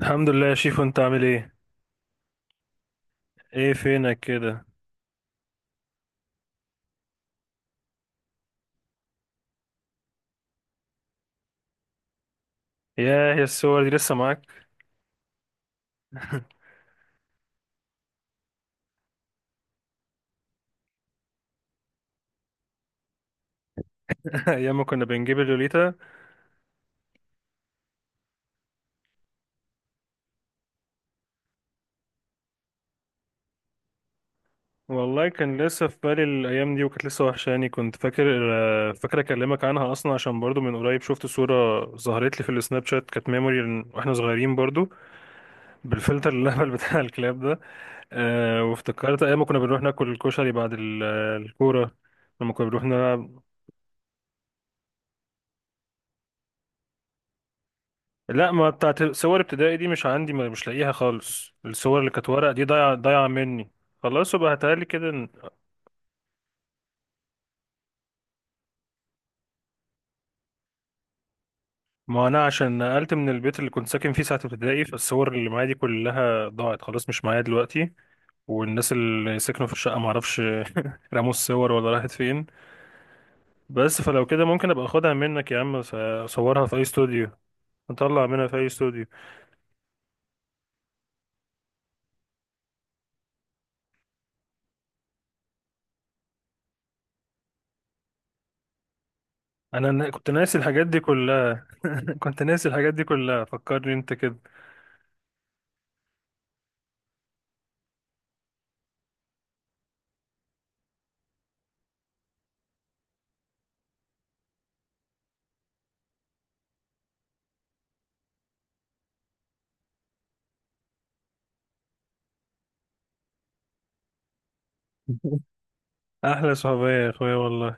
الحمد لله يا شيف، انت عامل ايه؟ ايه فينك كده؟ ياه، يا الصور دي لسه معاك؟ ايام ما كنا بنجيب اللوليتا. والله كان لسه في بالي الايام دي وكانت لسه وحشاني، كنت فاكر، فاكر اكلمك عنها اصلا عشان برضو من قريب شفت صورة ظهرت لي في السناب شات، كانت ميموري واحنا صغيرين برضو بالفلتر الهبل بتاع الكلاب ده. وافتكرت ايام ما كنا بنروح ناكل الكشري بعد الكورة، لما كنا بنروح. لا، ما بتاعت صور ابتدائي دي مش عندي، مش لاقيها خالص، الصور اللي كانت ورق دي ضايعة ضايعة مني. خلاص يبقى هتهيألي كده ما انا عشان نقلت من البيت اللي كنت ساكن فيه ساعة ابتدائي، فالصور اللي معايا دي كلها ضاعت خلاص، مش معايا دلوقتي، والناس اللي سكنوا في الشقة معرفش رموا الصور ولا راحت فين. بس فلو كده ممكن ابقى اخدها منك يا عم، اصورها في اي استوديو، نطلع منها في اي استوديو. انا كنت ناسي الحاجات دي كلها. كنت ناسي الحاجات دي كلها، فكرني انت كده. احلى صحوبية يا اخويا والله.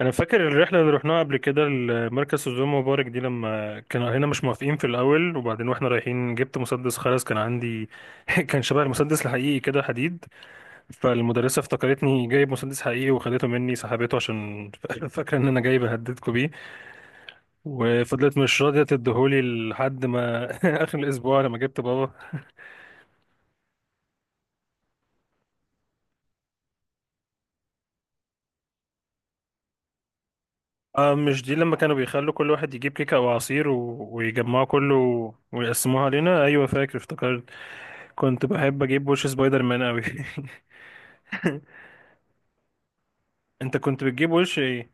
انا فاكر الرحله اللي رحناها قبل كده لمركز سوزان مبارك دي، لما كانوا هنا مش موافقين في الاول، وبعدين واحنا رايحين جبت مسدس خرز كان عندي. كان شبه المسدس الحقيقي كده، حديد، فالمدرسه افتكرتني جايب مسدس حقيقي وخدته مني، سحبته عشان فاكره ان انا جاي بهددكوا بيه، وفضلت مش راضيه تديهولي لحد ما اخر الاسبوع لما جبت بابا. مش دي لما كانوا بيخلوا كل واحد يجيب كيكه او عصير ويجمعوا كله ويقسموها علينا؟ ايوه فاكر، افتكرت. كنت بحب اجيب وش سبايدر مان قوي. انت كنت بتجيب وش ايه؟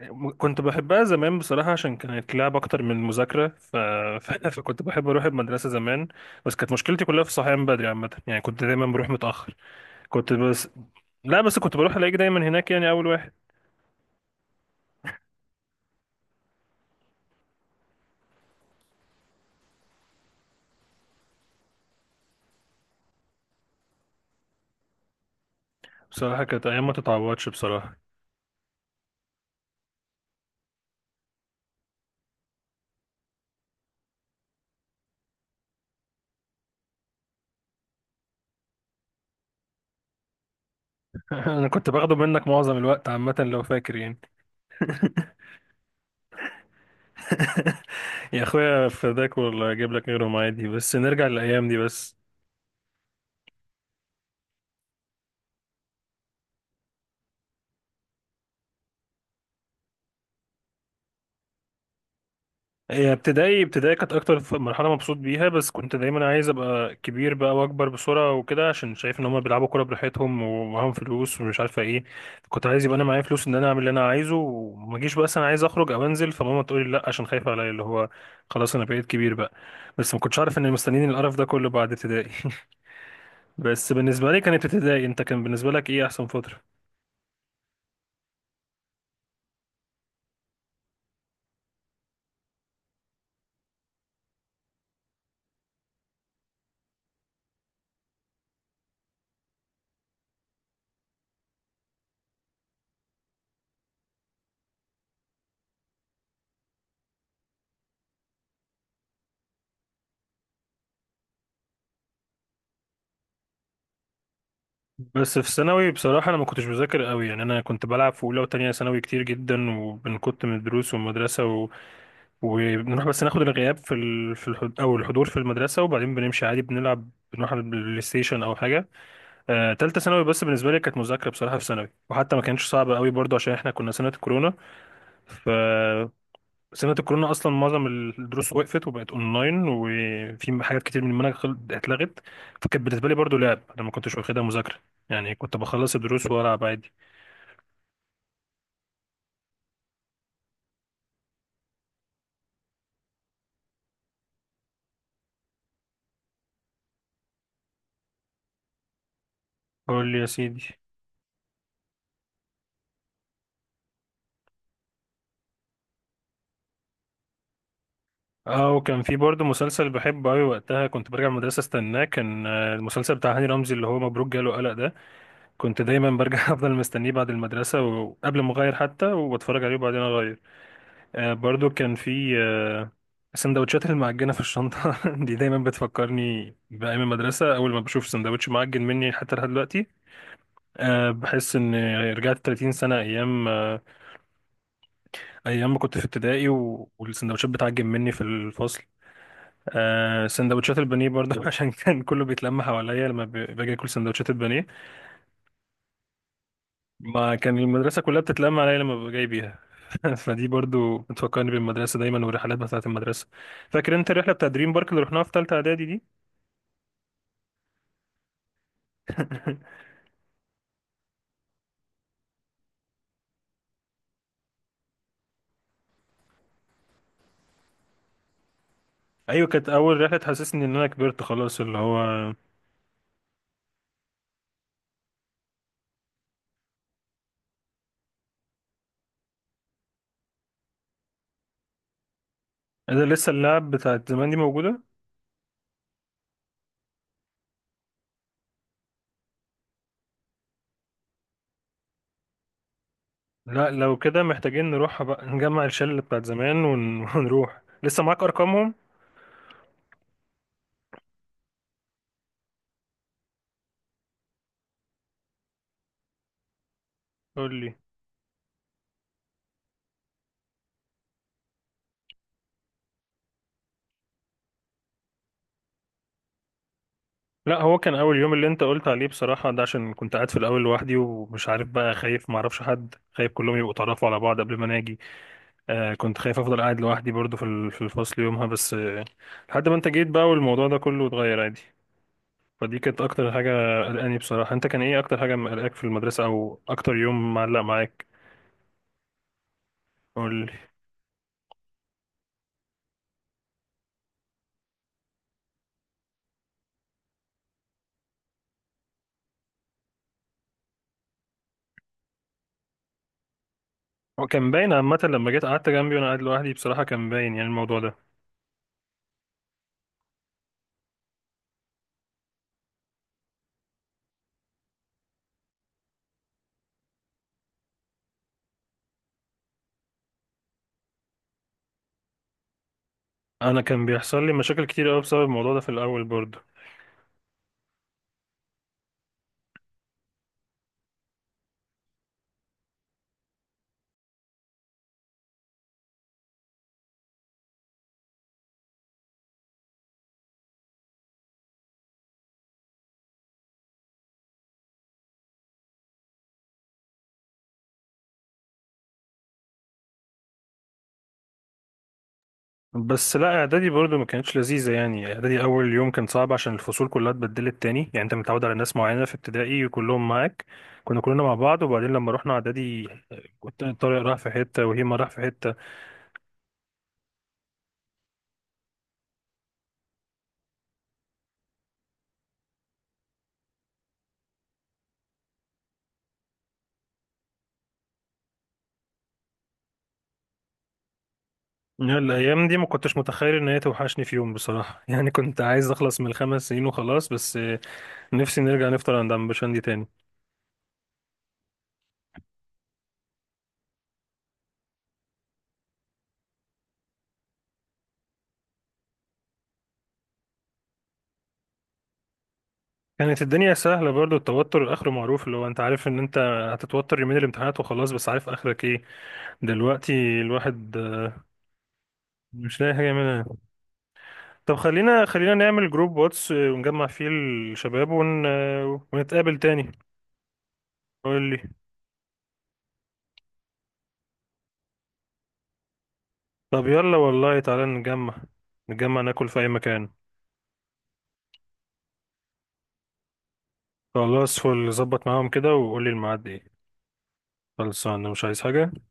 كنت بحبها زمان بصراحة عشان كانت لعب اكتر من المذاكرة، فكنت بحب اروح المدرسة زمان، بس كانت مشكلتي كلها في الصحيان بدري عامة، يعني كنت دايما بروح متأخر. كنت بس لا، بس كنت بروح الاقيك دايما هناك يعني اول واحد. بصراحة كانت ايام ما تتعوضش بصراحة. انا كنت باخده منك معظم الوقت عامة لو فاكر يعني. يا اخويا فداك والله، اجيب لك غيرهم عادي، بس نرجع للايام دي بس. هي ابتدائي، كانت اكتر مرحله مبسوط بيها، بس كنت دايما عايز ابقى كبير بقى، واكبر بسرعه وكده عشان شايف ان هم بيلعبوا كوره براحتهم ومعاهم فلوس ومش عارفه ايه. كنت عايز يبقى انا معايا فلوس ان انا اعمل اللي انا عايزه، وما اجيش بقى، أصل انا عايز اخرج او انزل فماما تقول لي لا عشان خايفه عليا، اللي هو خلاص انا بقيت كبير بقى. بس ما كنتش عارف ان مستنيين القرف ده كله بعد ابتدائي. بس بالنسبه لي كانت ابتدائي، انت كان بالنسبه لك ايه احسن فتره؟ بس في ثانوي بصراحة، أنا ما كنتش بذاكر قوي، يعني أنا كنت بلعب في أولى وتانية ثانوي كتير جدا، وكنت من الدروس والمدرسة وبنروح بس ناخد الغياب في في او الحضور في المدرسه، وبعدين بنمشي عادي، بنلعب، بنروح على البلاي ستيشن او حاجه. تالتة ثانوي بس بالنسبه لي كانت مذاكره بصراحه في ثانوي، وحتى ما كانتش صعبه قوي برضو عشان احنا كنا سنه الكورونا، فسنه الكورونا اصلا معظم الدروس وقفت وبقت اونلاين، وفي حاجات كتير من المنهج اتلغت. فكانت بالنسبه لي برضو لعب، انا ما كنتش واخدها مذاكره، يعني كنت بخلص الدروس والعب عادي. قول لي يا سيدي. اه، وكان في برضه مسلسل بحبه قوي وقتها، كنت برجع من المدرسه استناه، كان المسلسل بتاع هاني رمزي اللي هو مبروك جاله قلق ده. كنت دايما برجع افضل مستنيه بعد المدرسه وقبل ما اغير حتى، وبتفرج عليه وبعدين اغير. آه برضه كان في آه سندوتشات المعجنه في الشنطه. دي دايما بتفكرني بايام المدرسه، اول ما بشوف سندوتش معجن مني حتى لحد دلوقتي، آه بحس ان رجعت 30 سنه، ايام آه، ايام ما كنت في ابتدائي، والسندوتشات بتعجن مني في الفصل. آه سندوتشات البانيه برضه عشان كان كله بيتلم حواليا لما باجي اكل سندوتشات البانيه، ما كان المدرسه كلها بتتلم عليا لما ببقى جاي بيها. فدي برضو بتفكرني بالمدرسه دايما، والرحلات بتاعه المدرسه. فاكر انت الرحله بتاع دريم بارك اللي رحناها في ثالثه اعدادي دي؟ ايوه، كانت اول رحله تحسسني ان انا كبرت خلاص، اللي هو انا لسه اللعب بتاعت زمان دي موجوده. لا لو كده محتاجين نروح بقى نجمع الشله بتاعت زمان ونروح، لسه معاك ارقامهم؟ قول لي. لا، هو كان اول يوم اللي انت قلت عليه بصراحه ده، عشان كنت قاعد في الاول لوحدي، ومش عارف بقى، خايف ما اعرفش حد، خايف كلهم يبقوا اتعرفوا على بعض قبل ما انا اجي. آه كنت خايف افضل قاعد لوحدي برضو في في الفصل يومها، بس آه لحد ما انت جيت بقى والموضوع ده كله اتغير عادي. فدي كانت اكتر حاجه قلقاني بصراحه، انت كان ايه اكتر حاجه مقلقاك في المدرسه او اكتر يوم معلق معاك؟ قول لي. هو كان باين عامه لما جيت قعدت جنبي وانا قاعد لوحدي، بصراحه كان باين يعني الموضوع ده، انا كان بيحصل لي مشاكل كتير قوي بسبب الموضوع ده في الاول برضو. بس لا اعدادي برضو ما كانتش لذيذه، يعني اعدادي اول يوم كان صعب عشان الفصول كلها اتبدلت تاني، يعني انت متعود على ناس معينه في ابتدائي كلهم معاك، كنا كلنا مع بعض، وبعدين لما رحنا اعدادي كنت طارق راح في حته وهيما راح في حته. يعني الايام دي ما كنتش متخيل ان هي توحشني في يوم بصراحه. يعني كنت عايز اخلص من ال5 سنين وخلاص بس، نفسي نرجع نفطر عند عم بشندي تاني. كانت الدنيا سهله برضو، التوتر اخره معروف، اللي هو انت عارف ان انت هتتوتر يومين الامتحانات وخلاص، بس عارف اخرك ايه. دلوقتي الواحد مش لاقي حاجه يعملها. طب خلينا، نعمل جروب واتس ونجمع فيه الشباب ونتقابل تاني. قول لي. طب يلا والله، تعالى نجمع، ناكل في اي مكان. خلاص، فل، ظبط معاهم كده وقول لي الميعاد ايه. خلصان، انا مش عايز حاجة.